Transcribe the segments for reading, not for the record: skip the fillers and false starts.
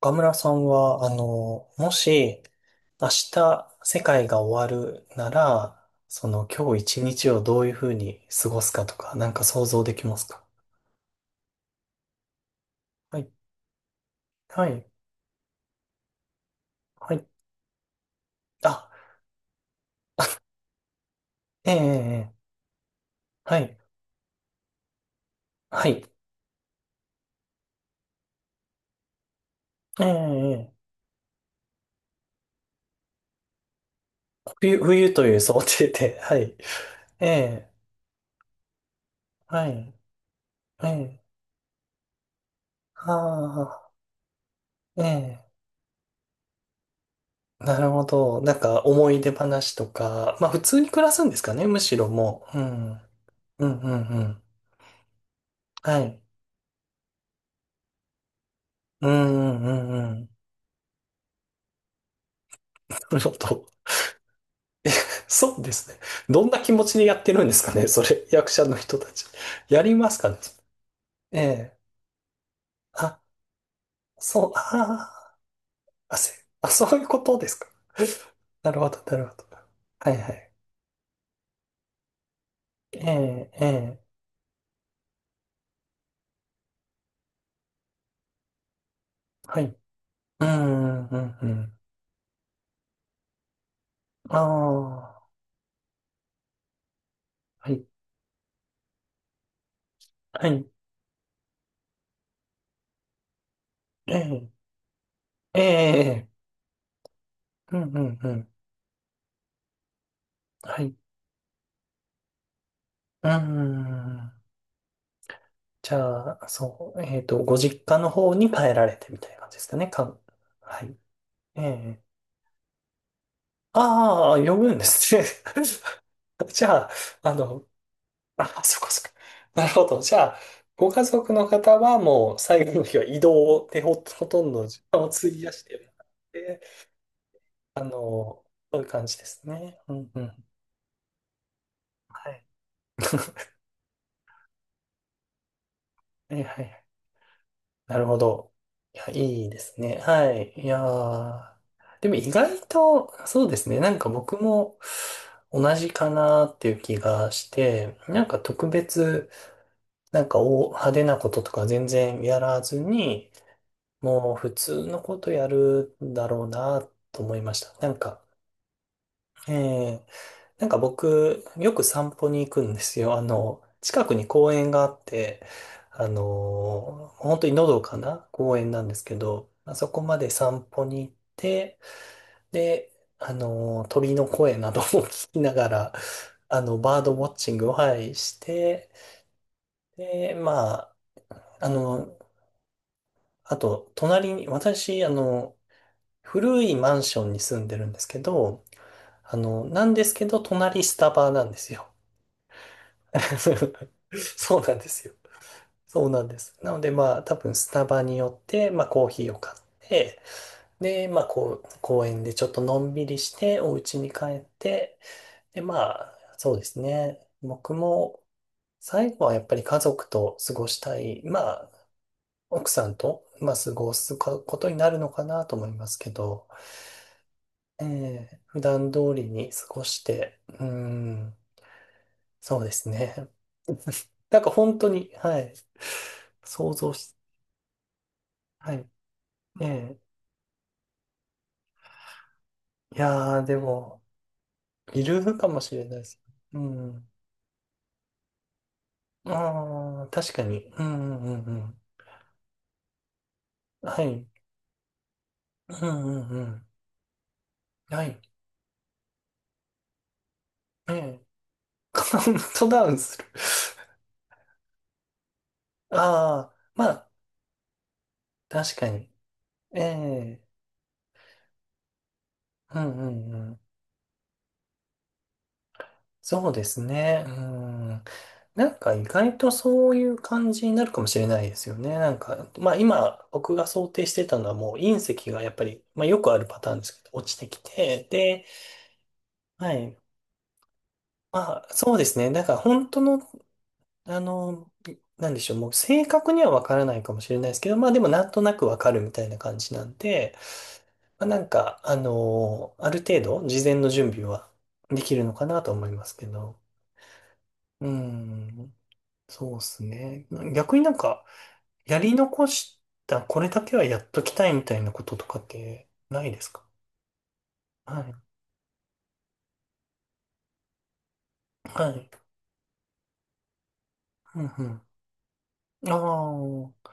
岡村さんは、もし、明日世界が終わるなら、その今日一日をどういうふうに過ごすかとか、なんか想像できますか？はい、はい、はい。あ、ええ、ええええ。はい、はい、ええ、ええ。冬という想定で、はい、ええ、はい、ええ、ああ、ええ、なるほど。なんか思い出話とか、まあ普通に暮らすんですかね、むしろもう。うん、うん、うん、うん。はい。うんうんうん。なるほど。そうですね。どんな気持ちでやってるんですかね、それ、役者の人たち。やりますかね。ええ。あ、そう、そういうことですか？なるほど、なるほど。はいはい。ええ、ええ、はい。うんうんうん。ああ、はい、はい。ええ、ええ、うんうんうん。はい。うん。じゃあ、そう、ご実家の方に帰られてみたいな感じですかね。はい。ええ。ああ、呼ぶんですね。じゃあ、あの、あ、そこそこ。なるほど。じゃあ、ご家族の方はもう最後の日は移動でほとんど時間を費やしてもらって、あの、そういう感じですね。うんうん。はい。はいはいはい。なるほど。いや、いいですね。はい。いやー、でも意外と、そうですね。なんか僕も同じかなっていう気がして、なんか特別、なんか大派手なこととか全然やらずに、もう普通のことやるんだろうなと思いました。なんか、えーなんか僕、よく散歩に行くんですよ。近くに公園があって、本当にのどかな公園なんですけど、まあそこまで散歩に行って、で、鳥の声などを 聞きながら、バードウォッチングを、はい、して、で、まあ、あの、あと、隣に、私、古いマンションに住んでるんですけど、なんですけど、隣スタバなんですよ。そうなんですよ。そうなんです。なのでまあ多分スタバによって、まあコーヒーを買って、で、まあこう、公園でちょっとのんびりして、お家に帰って、で、まあそうですね。僕も最後はやっぱり家族と過ごしたい、まあ奥さんと、まあ過ごすことになるのかなと思いますけど、ええ普段通りに過ごして、うーん、そうですね。なんか本当に、はい。想像しはい。ええ。いやー、でも、いるかもしれないです。うん。ああ、確かに。うんうんうんうん。はい。うんうんうん。はい。ええ。カウントダウンする。ああ、まあ、確かに。ええ。うんうんうん。そうですね。うん。なんか意外とそういう感じになるかもしれないですよね。なんか、まあ今僕が想定してたのはもう隕石がやっぱり、まあよくあるパターンですけど、落ちてきて、で、はい。まあ、そうですね。だから本当の、あの、なんでしょう、もう正確にはわからないかもしれないですけど、まあでもなんとなくわかるみたいな感じなんで、まあ、なんか、ある程度事前の準備はできるのかなと思いますけど。うん、そうですね。逆になんか、やり残した、これだけはやっときたいみたいなこととかってないですか？はい。はい。うんうん。ああ、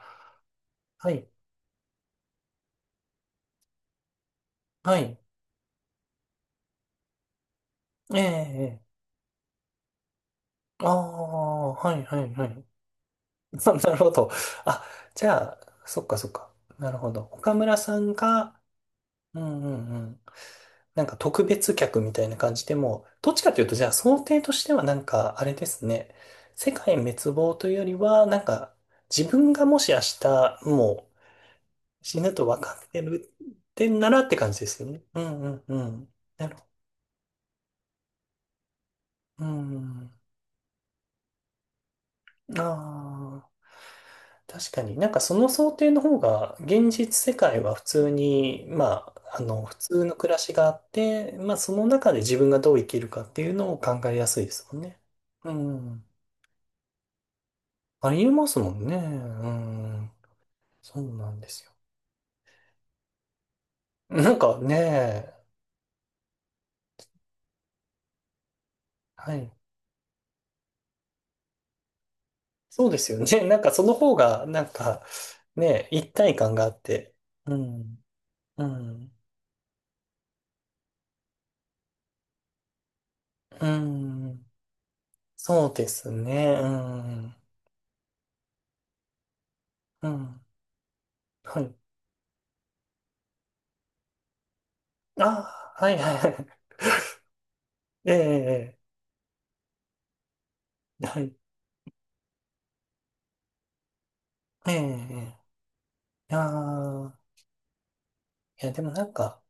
はい。はい。えええ。ああ、はいはいはい。なるほど。あ、じゃあ、そっかそっか。なるほど。岡村さんが、うんうんうん。なんか特別客みたいな感じでもう、どっちかというと、じゃあ想定としてはなんか、あれですね。世界滅亡というよりは、なんか、自分がもし明日、もう死ぬと分かってるってんならって感じですよね。うんうんうん。なるほど。うん。ああ。確かになんかその想定の方が現実世界は普通に、まあ、あの普通の暮らしがあって、まあその中で自分がどう生きるかっていうのを考えやすいですもんね。うん。ありえますもんね。うん。そうなんですよ。なんかね、はい。そうですよね。なんかその方が、なんかね、一体感があって。うん。うん。うん。そうですね。うん。うん。はい。ああ、はいはいはい。ええ、はい。ええ、ああ。いや、でもなんか、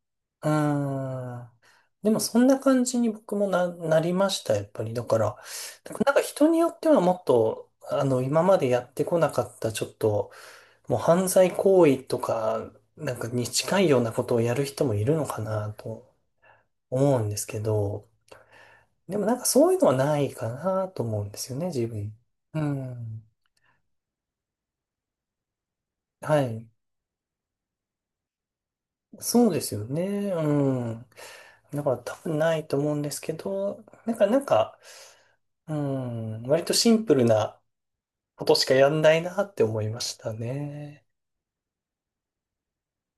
うーん。でもそんな感じに僕もなりました、やっぱり。だから、なんか人によってはもっと、今までやってこなかった、ちょっと、もう犯罪行為とか、なんかに近いようなことをやる人もいるのかなと思うんですけど、でもなんかそういうのはないかなと思うんですよね、自分。うん。はい。そうですよね。うん。だから多分ないと思うんですけど、なんか、なんか、うん、割とシンプルなことしかやんないなって思いましたね。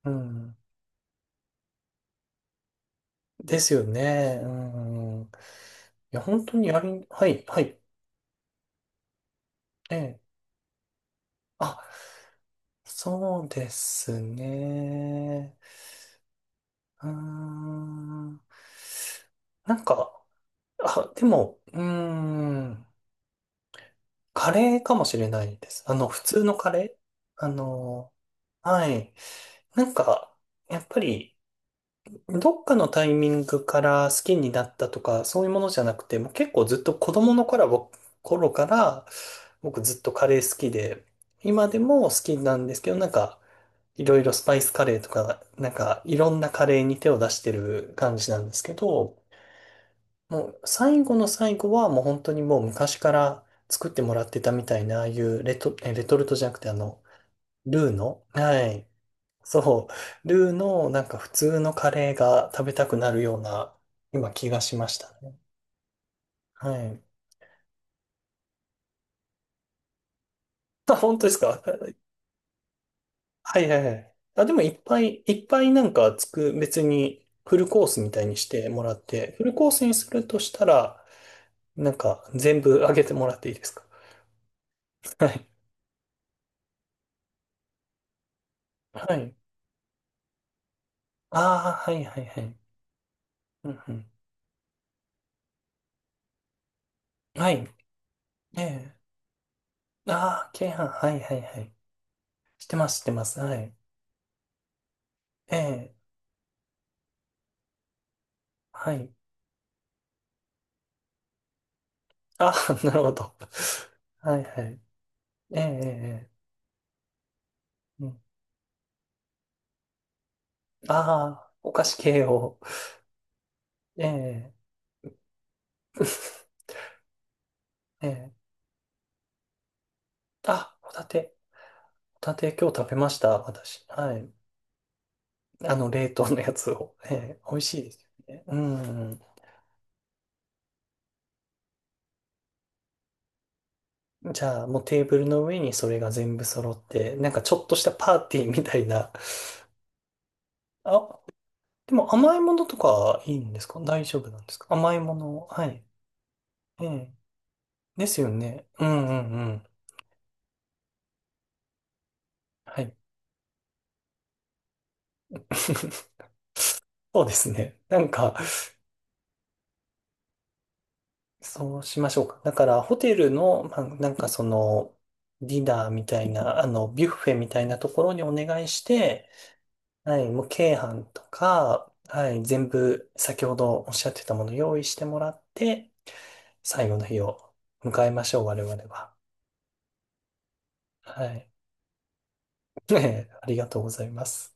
うん。ですよね。うん。いや、本当にはい、はい。ええ。あ、そうですね。うーん。なんか、あ、でも、うーん、カレーかもしれないです。普通のカレー。あの、はい。なんか、やっぱり、どっかのタイミングから好きになったとか、そういうものじゃなくて、もう結構ずっと子供の頃から、僕ずっとカレー好きで、今でも好きなんですけど、なんか、いろいろスパイスカレーとか、なんか、いろんなカレーに手を出してる感じなんですけど、もう最後の最後はもう本当にもう昔から作ってもらってたみたいな、ああいうレトルトじゃなくてルーの、はい。そう、ルーのなんか普通のカレーが食べたくなるような今気がしましたね。はい。あ、本当ですか？はいはいはい。あ、でもいっぱいいっぱいなんか別にフルコースみたいにしてもらって、フルコースにするとしたら、なんか全部あげてもらっていいですか？ はい。はい。ああ、はいはいはい。うんうん。はい。ええ。ああ、鶏飯。はいはいはい。してます、してます。はい。ええ。はい。ああ、なるほど。はいはい。ええ、ええ、うん。ああ、お菓子系を。ええ、ええ。あ、ホタテ。ホタテ今日食べました、私。はい。冷凍のやつを。ええ、美味しいですよね。うん。じゃあ、もうテーブルの上にそれが全部揃って、なんかちょっとしたパーティーみたいな。あ、でも甘いものとかいいんですか？大丈夫なんですか？甘いもの。はい。ええ。ですよね。うんうんうん。はい。そうですね。なんか、そうしましょうか。だから、ホテルの、まあ、なんかその、ディナーみたいな、ビュッフェみたいなところにお願いして、はい、もう、鶏飯とか、はい、全部、先ほどおっしゃってたもの用意してもらって、最後の日を迎えましょう、我々は。はい。ありがとうございます。